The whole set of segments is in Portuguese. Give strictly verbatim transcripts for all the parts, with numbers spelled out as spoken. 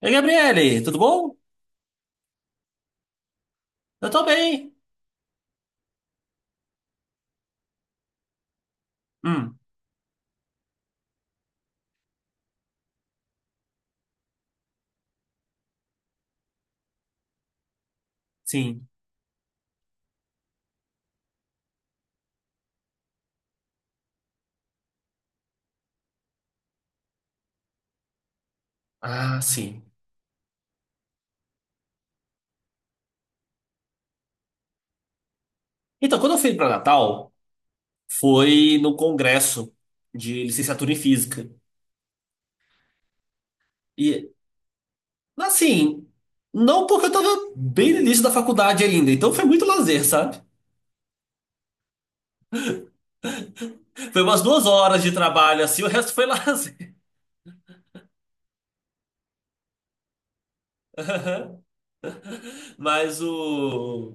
Ei, Gabriele, tudo bom? Eu tô bem. Hum, sim. Ah, sim. Então, quando eu fui para Natal, foi no congresso de licenciatura em física. E, assim, não porque eu tava bem no início da faculdade ainda, então foi muito lazer, sabe? Foi umas duas horas de trabalho, assim, o resto foi lazer. Mas o.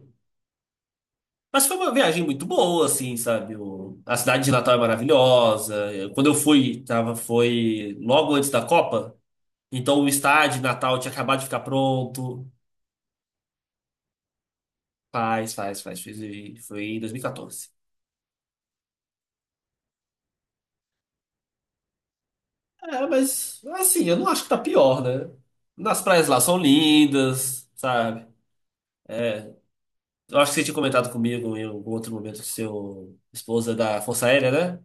Mas foi uma viagem muito boa, assim, sabe? O... A cidade de Natal é maravilhosa. Quando eu fui, tava, foi logo antes da Copa. Então o estádio de Natal tinha acabado de ficar pronto. Faz, faz, faz. Fiz, em- foi em dois mil e quatorze. É, mas assim, eu não acho que tá pior, né? Nas praias lá são lindas, sabe? É, eu acho que você tinha comentado comigo em algum outro momento que seu esposa é da Força Aérea, né?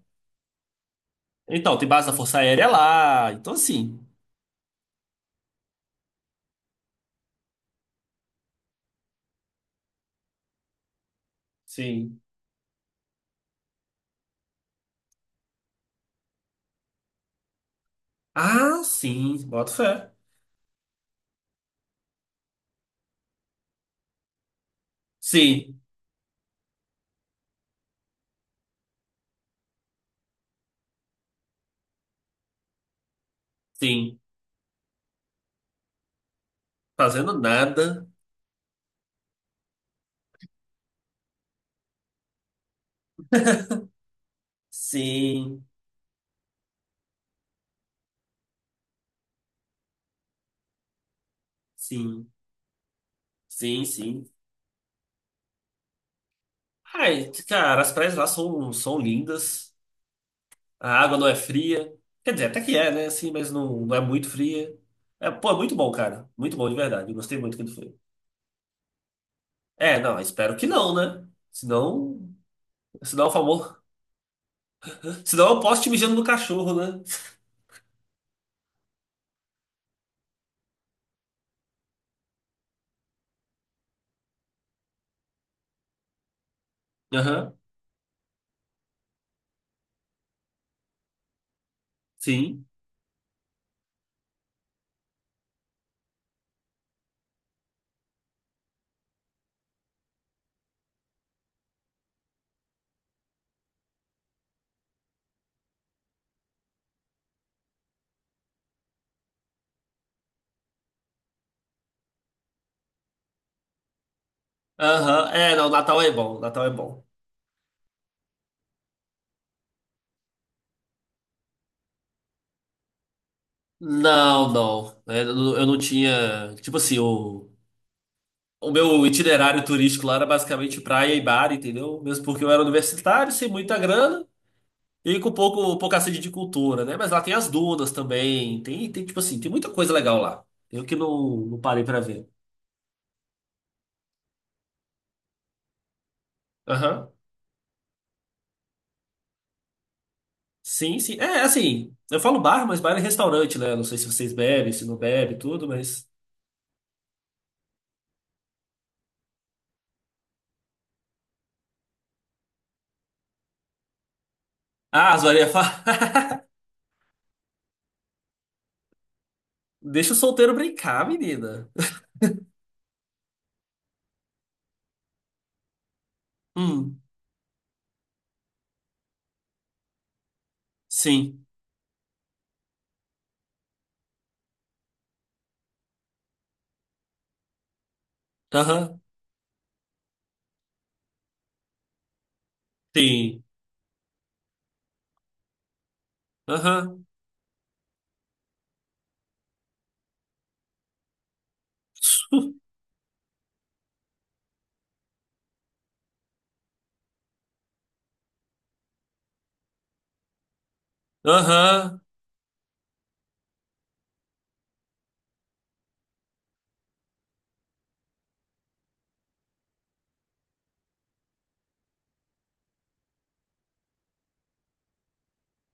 Então, tem base da Força Aérea lá. Então, assim. Sim. Ah, sim. Boto fé. Sim, sim. Fazendo nada. Sim, sim. Sim, sim. Ai, cara, as praias lá são, são lindas. A água não é fria. Quer dizer, até que é, né? Assim, mas não, não é muito fria. É, pô, é muito bom, cara. Muito bom, de verdade. Eu gostei muito quando foi. É, não, espero que não, né? Senão. Senão, é o famoso. Senão eu posso te mijando no cachorro, né? Aham, sim. Aham, é, não, Natal é bom, Natal é bom. Não, não. É, Eu não eu não tinha. Tipo assim, o, o meu itinerário turístico lá era basicamente praia e bar, entendeu? Mesmo porque eu era universitário, sem muita grana. E com pouco, pouca sede de cultura, né? Mas lá tem as dunas também. Tem, tem tipo assim, tem muita coisa legal lá. Eu que não, não parei pra ver. Aham. Sim, sim. É, assim, eu falo bar, mas bar é restaurante, né? Não sei se vocês bebem, se não bebem, tudo, mas. Ah, as varinhas falam. Deixa o solteiro brincar, menina. Hum, sim. Aham. Sim. Aham. Aham.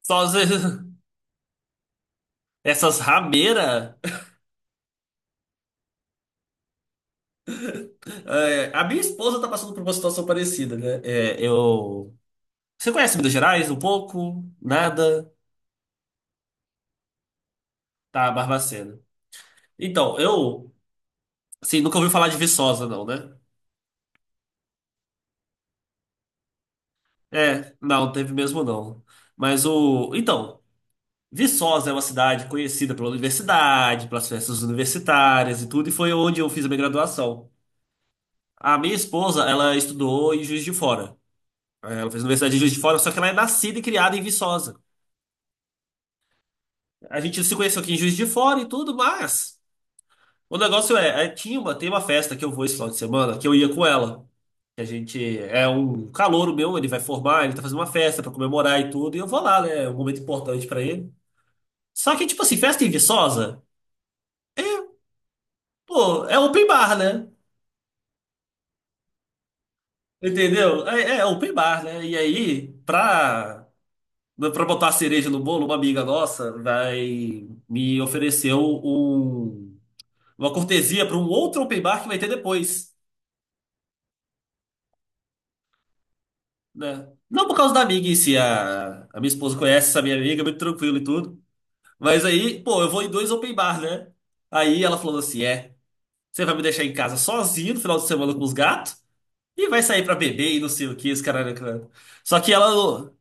Só as- essas rameiras. É, a minha esposa tá passando por uma situação parecida, né? É, eu. Você conhece Minas Gerais um pouco? Nada? Tá, Barbacena. Então, eu, assim, nunca ouvi falar de Viçosa, não, né? É, não, teve mesmo não. Mas o. Então, Viçosa é uma cidade conhecida pela universidade, pelas festas universitárias e tudo, e foi onde eu fiz a minha graduação. A minha esposa, ela estudou em Juiz de Fora. É, Ela fez universidade em Juiz de Fora, só que ela é nascida e criada em Viçosa. A gente se conheceu aqui em Juiz de Fora e tudo, mas. O negócio é, é, tinha uma, tem uma festa que eu vou esse final de semana que eu ia com ela. Que A gente é um calouro meu, ele vai formar, ele tá fazendo uma festa pra comemorar e tudo, e eu vou lá, né? É um momento importante pra ele. Só que, tipo assim, festa em Viçosa, é, pô, é open bar, né? Entendeu? É, é open bar, né? E aí, pra, pra botar a cereja no bolo, uma amiga nossa vai me ofereceu um, um, uma cortesia pra um outro open bar que vai ter depois, né? Não por causa da amiga em si, a, a minha esposa conhece essa minha amiga, é muito tranquilo e tudo. Mas aí, pô, eu vou em dois open bar, né? Aí ela falou assim: é, você vai me deixar em casa sozinho no final de semana com os gatos e vai sair pra beber e não sei o que, esse caralho. caralho." Só que ela ô,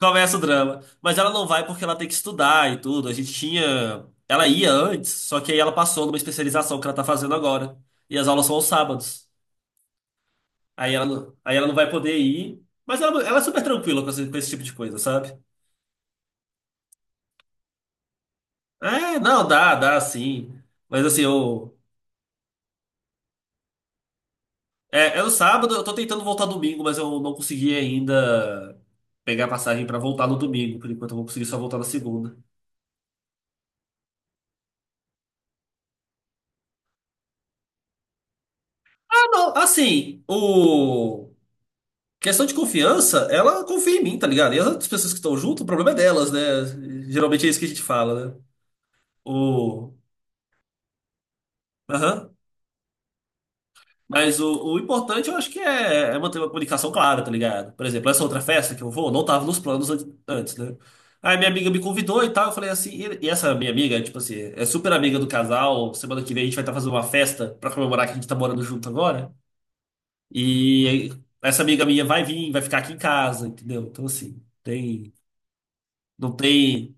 começa o drama. Mas ela não vai porque ela tem que estudar e tudo. A gente tinha. Ela ia antes, só que aí ela passou numa especialização que ela tá fazendo agora. E as aulas são aos sábados. Aí ela, não- aí ela não vai poder ir. Mas ela, ela é super tranquila com esse, com esse tipo de coisa, sabe? É, não, dá, dá sim. Mas assim, eu. É, é no sábado, eu tô tentando voltar domingo, mas eu não consegui ainda pegar passagem pra voltar no domingo. Por enquanto eu vou conseguir só voltar na segunda. Ah, não, assim, o... Questão de confiança, ela confia em mim, tá ligado? E as outras pessoas que estão junto, o problema é delas, né? Geralmente é isso que a gente fala, né? O... Aham. Mas o, o importante eu acho que é, é manter uma comunicação clara, tá ligado? Por exemplo, essa outra festa que eu vou, não tava nos planos an- antes, né? Aí minha amiga me convidou e tal, eu falei assim, e, e essa minha amiga, tipo assim, é super amiga do casal, semana que vem a gente vai estar fazendo uma festa pra comemorar que a gente tá morando junto agora. E essa amiga minha vai vir, vai ficar aqui em casa, entendeu? Então assim, tem, não tem,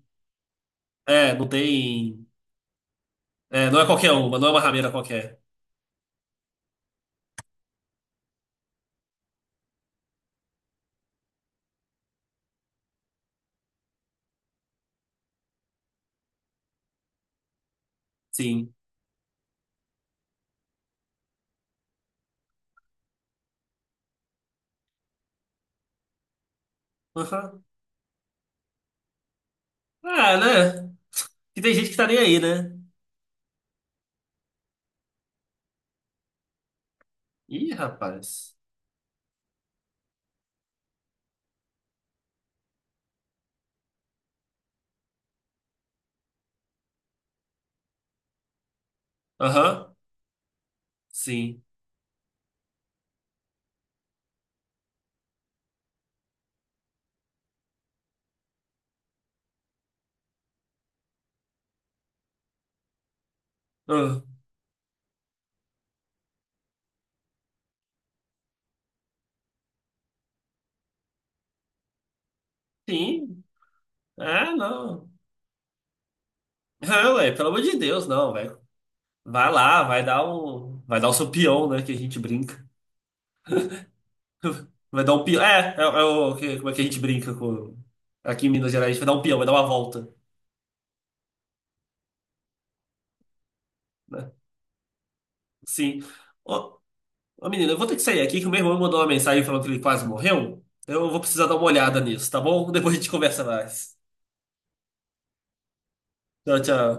é, não tem, é, não é qualquer uma, não é uma rameira qualquer. Sim. Aham. Ah, né? Que tem gente que tá nem aí, né? Ih, rapaz. Aham, sim. Ah, sim. Ah, não. Ah, ué, pelo amor de Deus, não, velho. Vai lá, vai dar um. Vai dar o seu peão, né? Que a gente brinca. Vai dar um peão. É, é, é o. que- Como é que a gente brinca com. Aqui em Minas Gerais, a gente vai dar um peão, vai dar uma volta, né? Sim. Ô, ô, menina, eu vou ter que sair aqui que o meu irmão me mandou uma mensagem falando que ele quase morreu. Eu vou precisar dar uma olhada nisso, tá bom? Depois a gente conversa mais. Tchau, tchau.